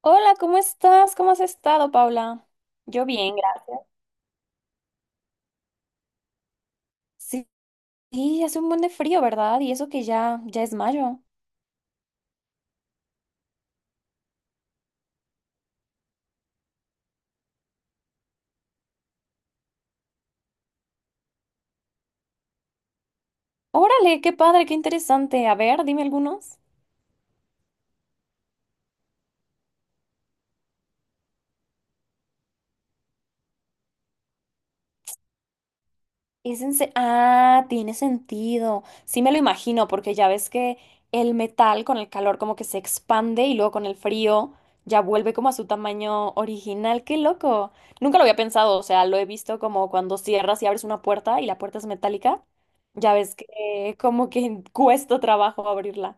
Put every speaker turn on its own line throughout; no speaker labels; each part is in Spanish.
Hola, ¿cómo estás? ¿Cómo has estado, Paula? Yo bien, gracias. Sí, sí, hace un buen de frío, ¿verdad? Y eso que ya es mayo. Órale, qué padre, qué interesante. A ver, dime algunos. Ah, tiene sentido. Sí me lo imagino, porque ya ves que el metal con el calor como que se expande y luego con el frío ya vuelve como a su tamaño original. ¡Qué loco! Nunca lo había pensado, o sea, lo he visto como cuando cierras y abres una puerta y la puerta es metálica. Ya ves que como que cuesta trabajo abrirla.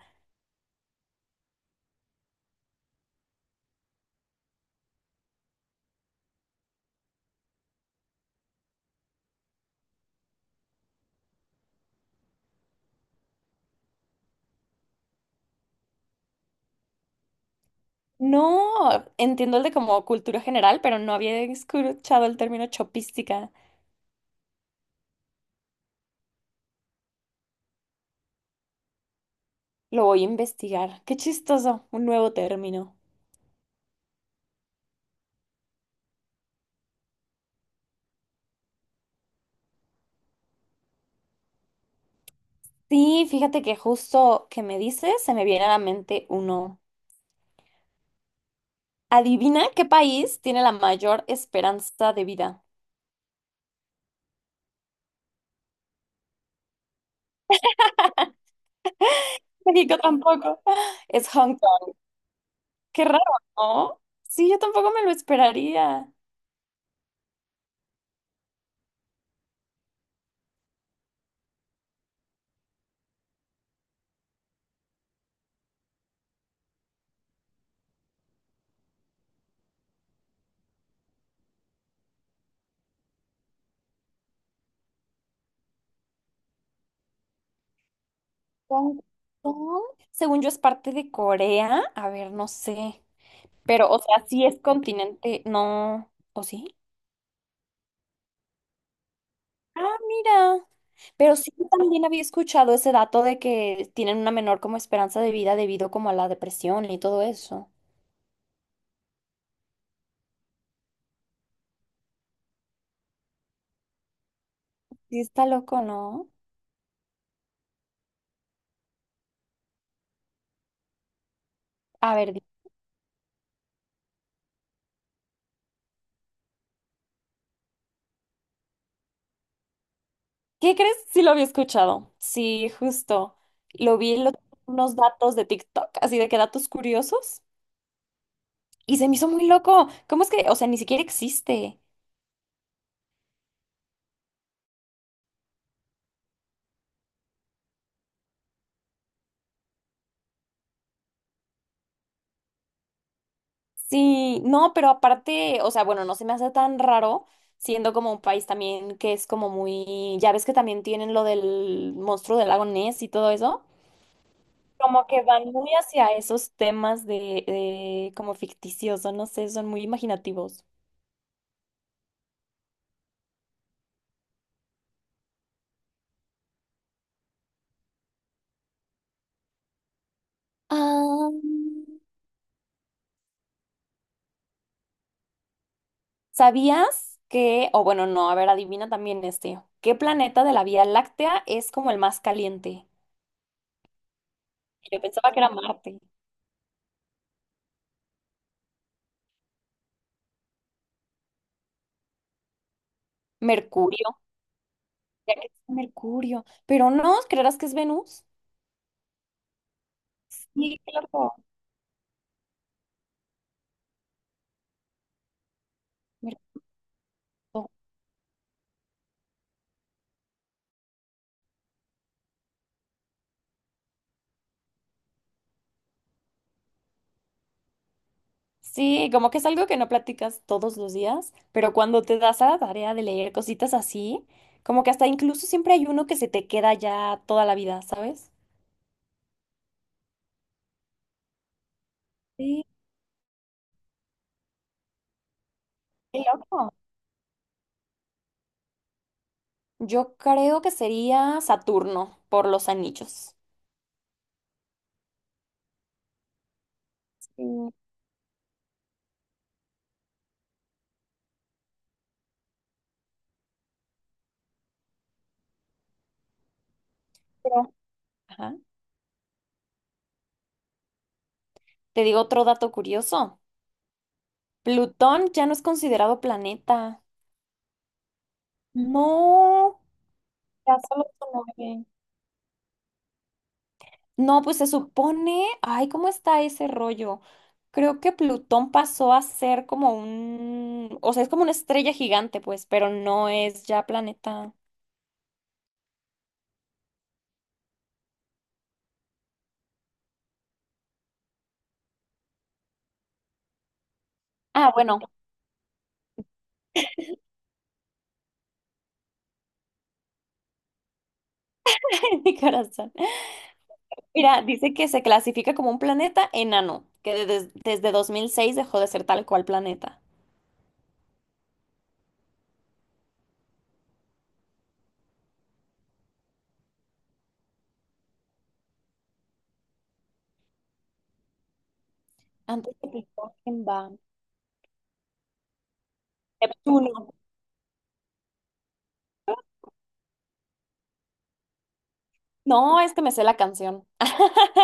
No, entiendo el de como cultura general, pero no había escuchado el término chopística. Lo voy a investigar. Qué chistoso, un nuevo término. Sí, fíjate que justo que me dices, se me viene a la mente uno. Adivina qué país tiene la mayor esperanza de vida. México tampoco. Es Hong Kong. Qué raro, ¿no? Sí, yo tampoco me lo esperaría. Hong Kong, según yo, es parte de Corea. A ver, no sé. Pero, o sea, sí es continente. No. ¿O sí? Ah, mira. Pero sí yo también había escuchado ese dato de que tienen una menor como esperanza de vida debido como a la depresión y todo eso. Sí está loco, ¿no? A ver, di- ¿qué crees? Sí lo había escuchado. Sí, justo. Lo vi en los- Unos datos de TikTok, así de que datos curiosos. Y se me hizo muy loco. ¿Cómo es que, o sea, ni siquiera existe? Sí, no, pero aparte, o sea, bueno, no se me hace tan raro, siendo como un país también que es como muy, ya ves que también tienen lo del monstruo del lago Ness y todo eso. Como que van muy hacia esos temas de como ficticioso, no sé, son muy imaginativos. Ah, ¿sabías que, o bueno, no, a ver, adivina también este, ¿qué planeta de la Vía Láctea es como el más caliente? Yo pensaba que era Marte. Mercurio, ya que es Mercurio, pero no, ¿creerás que es Venus? Sí, claro. Mercurio. Sí, como que es algo que no platicas todos los días, pero cuando te das a la tarea de leer cositas así, como que hasta incluso siempre hay uno que se te queda ya toda la vida, ¿sabes? Sí, qué loco. Yo creo que sería Saturno por los anillos. Sí, pero ajá. Te digo otro dato curioso. Plutón ya no es considerado planeta. No. Ya solo su novia. No, pues se supone, ay, ¿cómo está ese rollo? Creo que Plutón pasó a ser como un, o sea, es como una estrella gigante, pues, pero no es ya planeta. Ah, bueno, en mi corazón. Mira, dice que se clasifica como un planeta enano, que desde 2006 dejó de ser tal cual planeta. Antes de que Plutón, va. Neptuno. No, es que me sé la canción.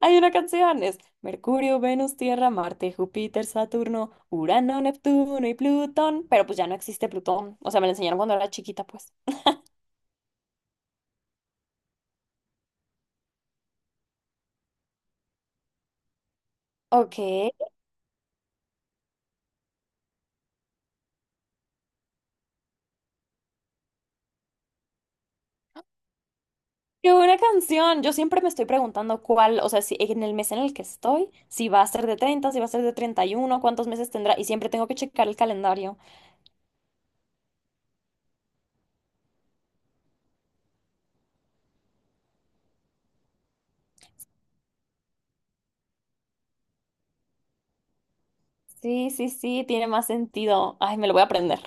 Hay una canción, es Mercurio, Venus, Tierra, Marte, Júpiter, Saturno, Urano, Neptuno y Plutón. Pero pues ya no existe Plutón. O sea, me lo enseñaron cuando era chiquita, pues. Ok. Qué buena canción. Yo siempre me estoy preguntando cuál, o sea, si en el mes en el que estoy, si va a ser de 30, si va a ser de 31, cuántos meses tendrá, y siempre tengo que checar el calendario. Sí, sí, sí, tiene más sentido. Ay, me lo voy a aprender.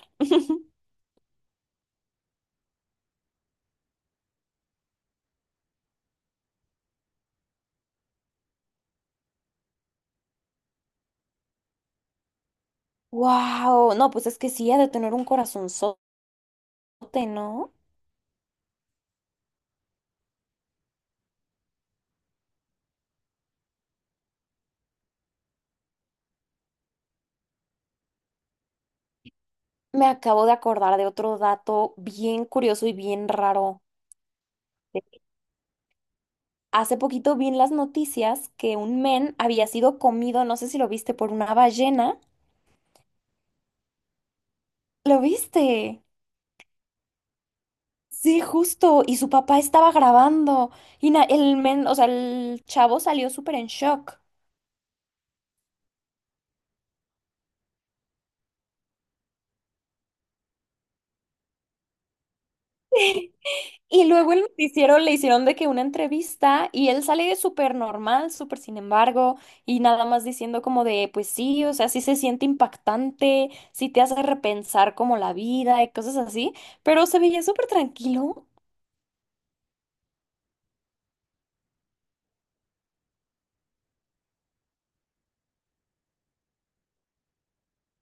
Wow, no, pues es que sí, ha de tener un corazonzote, ¿no? Me acabo de acordar de otro dato bien curioso y bien raro. Hace poquito vi en las noticias que un men había sido comido, no sé si lo viste, por una ballena. ¿Lo viste? Sí, justo, y su papá estaba grabando, y el men, o sea, el chavo salió súper en shock. Y luego el noticiero le hicieron de que una entrevista, y él sale súper normal, súper sin embargo, y nada más diciendo como de, pues sí, o sea, sí se siente impactante, sí te hace repensar como la vida y cosas así, pero se veía súper tranquilo.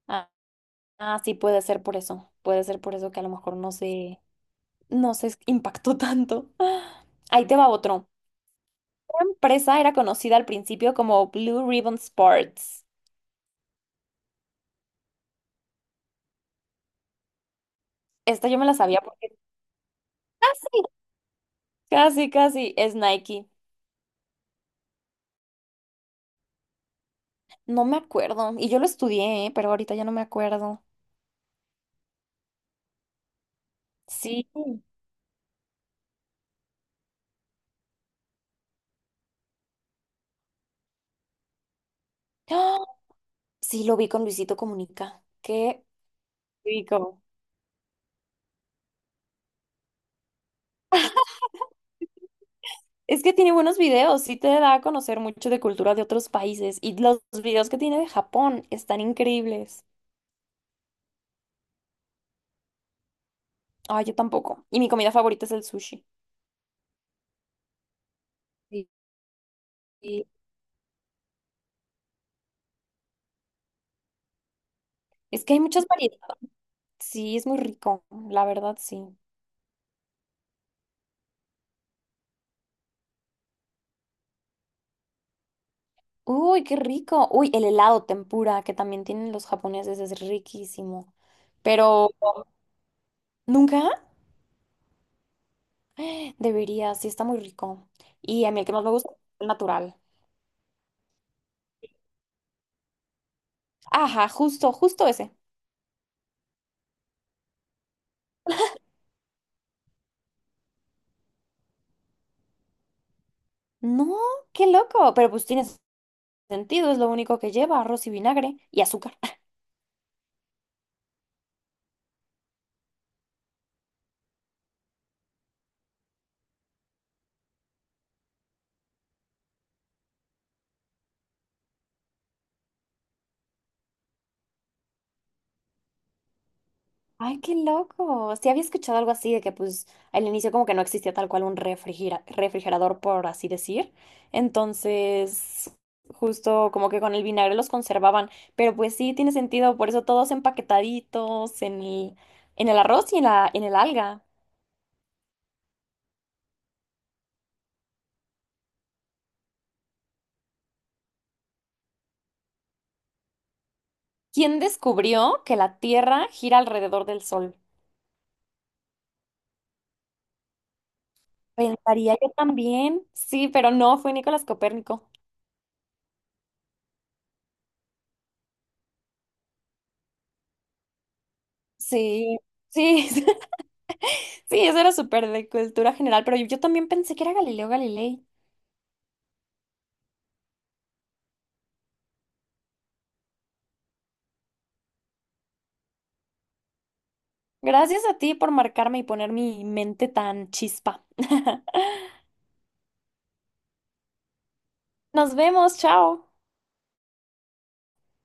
Ah, ah, sí, puede ser por eso, puede ser por eso que a lo mejor no se, no se impactó tanto. Ahí te va otro. Esta empresa era conocida al principio como Blue Ribbon Sports. Esta yo me la sabía porque sí, casi, casi es Nike. No me acuerdo. Y yo lo estudié, ¿eh? Pero ahorita ya no me acuerdo. Sí. ¡Ah! Sí, lo vi con Luisito Comunica. Qué rico. Es que tiene buenos videos, sí te da a conocer mucho de cultura de otros países. Y los videos que tiene de Japón están increíbles. Ay, yo tampoco. Y mi comida favorita es el sushi. Sí. Sí. Es que hay muchas variedades. Sí, es muy rico, la verdad, sí. Uy, qué rico. Uy, el helado tempura que también tienen los japoneses es riquísimo. Pero nunca debería, sí está muy rico. Y a mí el que más me gusta es el natural. Ajá, justo, justo ese. No, qué loco. Pero pues tiene sentido, es lo único que lleva, arroz y vinagre y azúcar. Ay, qué loco. Sí había escuchado algo así de que pues al inicio como que no existía tal cual un refrigerador, por así decir. Entonces, justo como que con el vinagre los conservaban. Pero pues sí, tiene sentido, por eso todos empaquetaditos en el arroz y en la, en el alga. ¿Quién descubrió que la Tierra gira alrededor del Sol? Pensaría yo también. Sí, pero no, fue Nicolás Copérnico. Sí, sí. Sí, eso era súper de cultura general, pero yo también pensé que era Galileo Galilei. Gracias a ti por marcarme y poner mi mente tan chispa. Nos vemos, chao.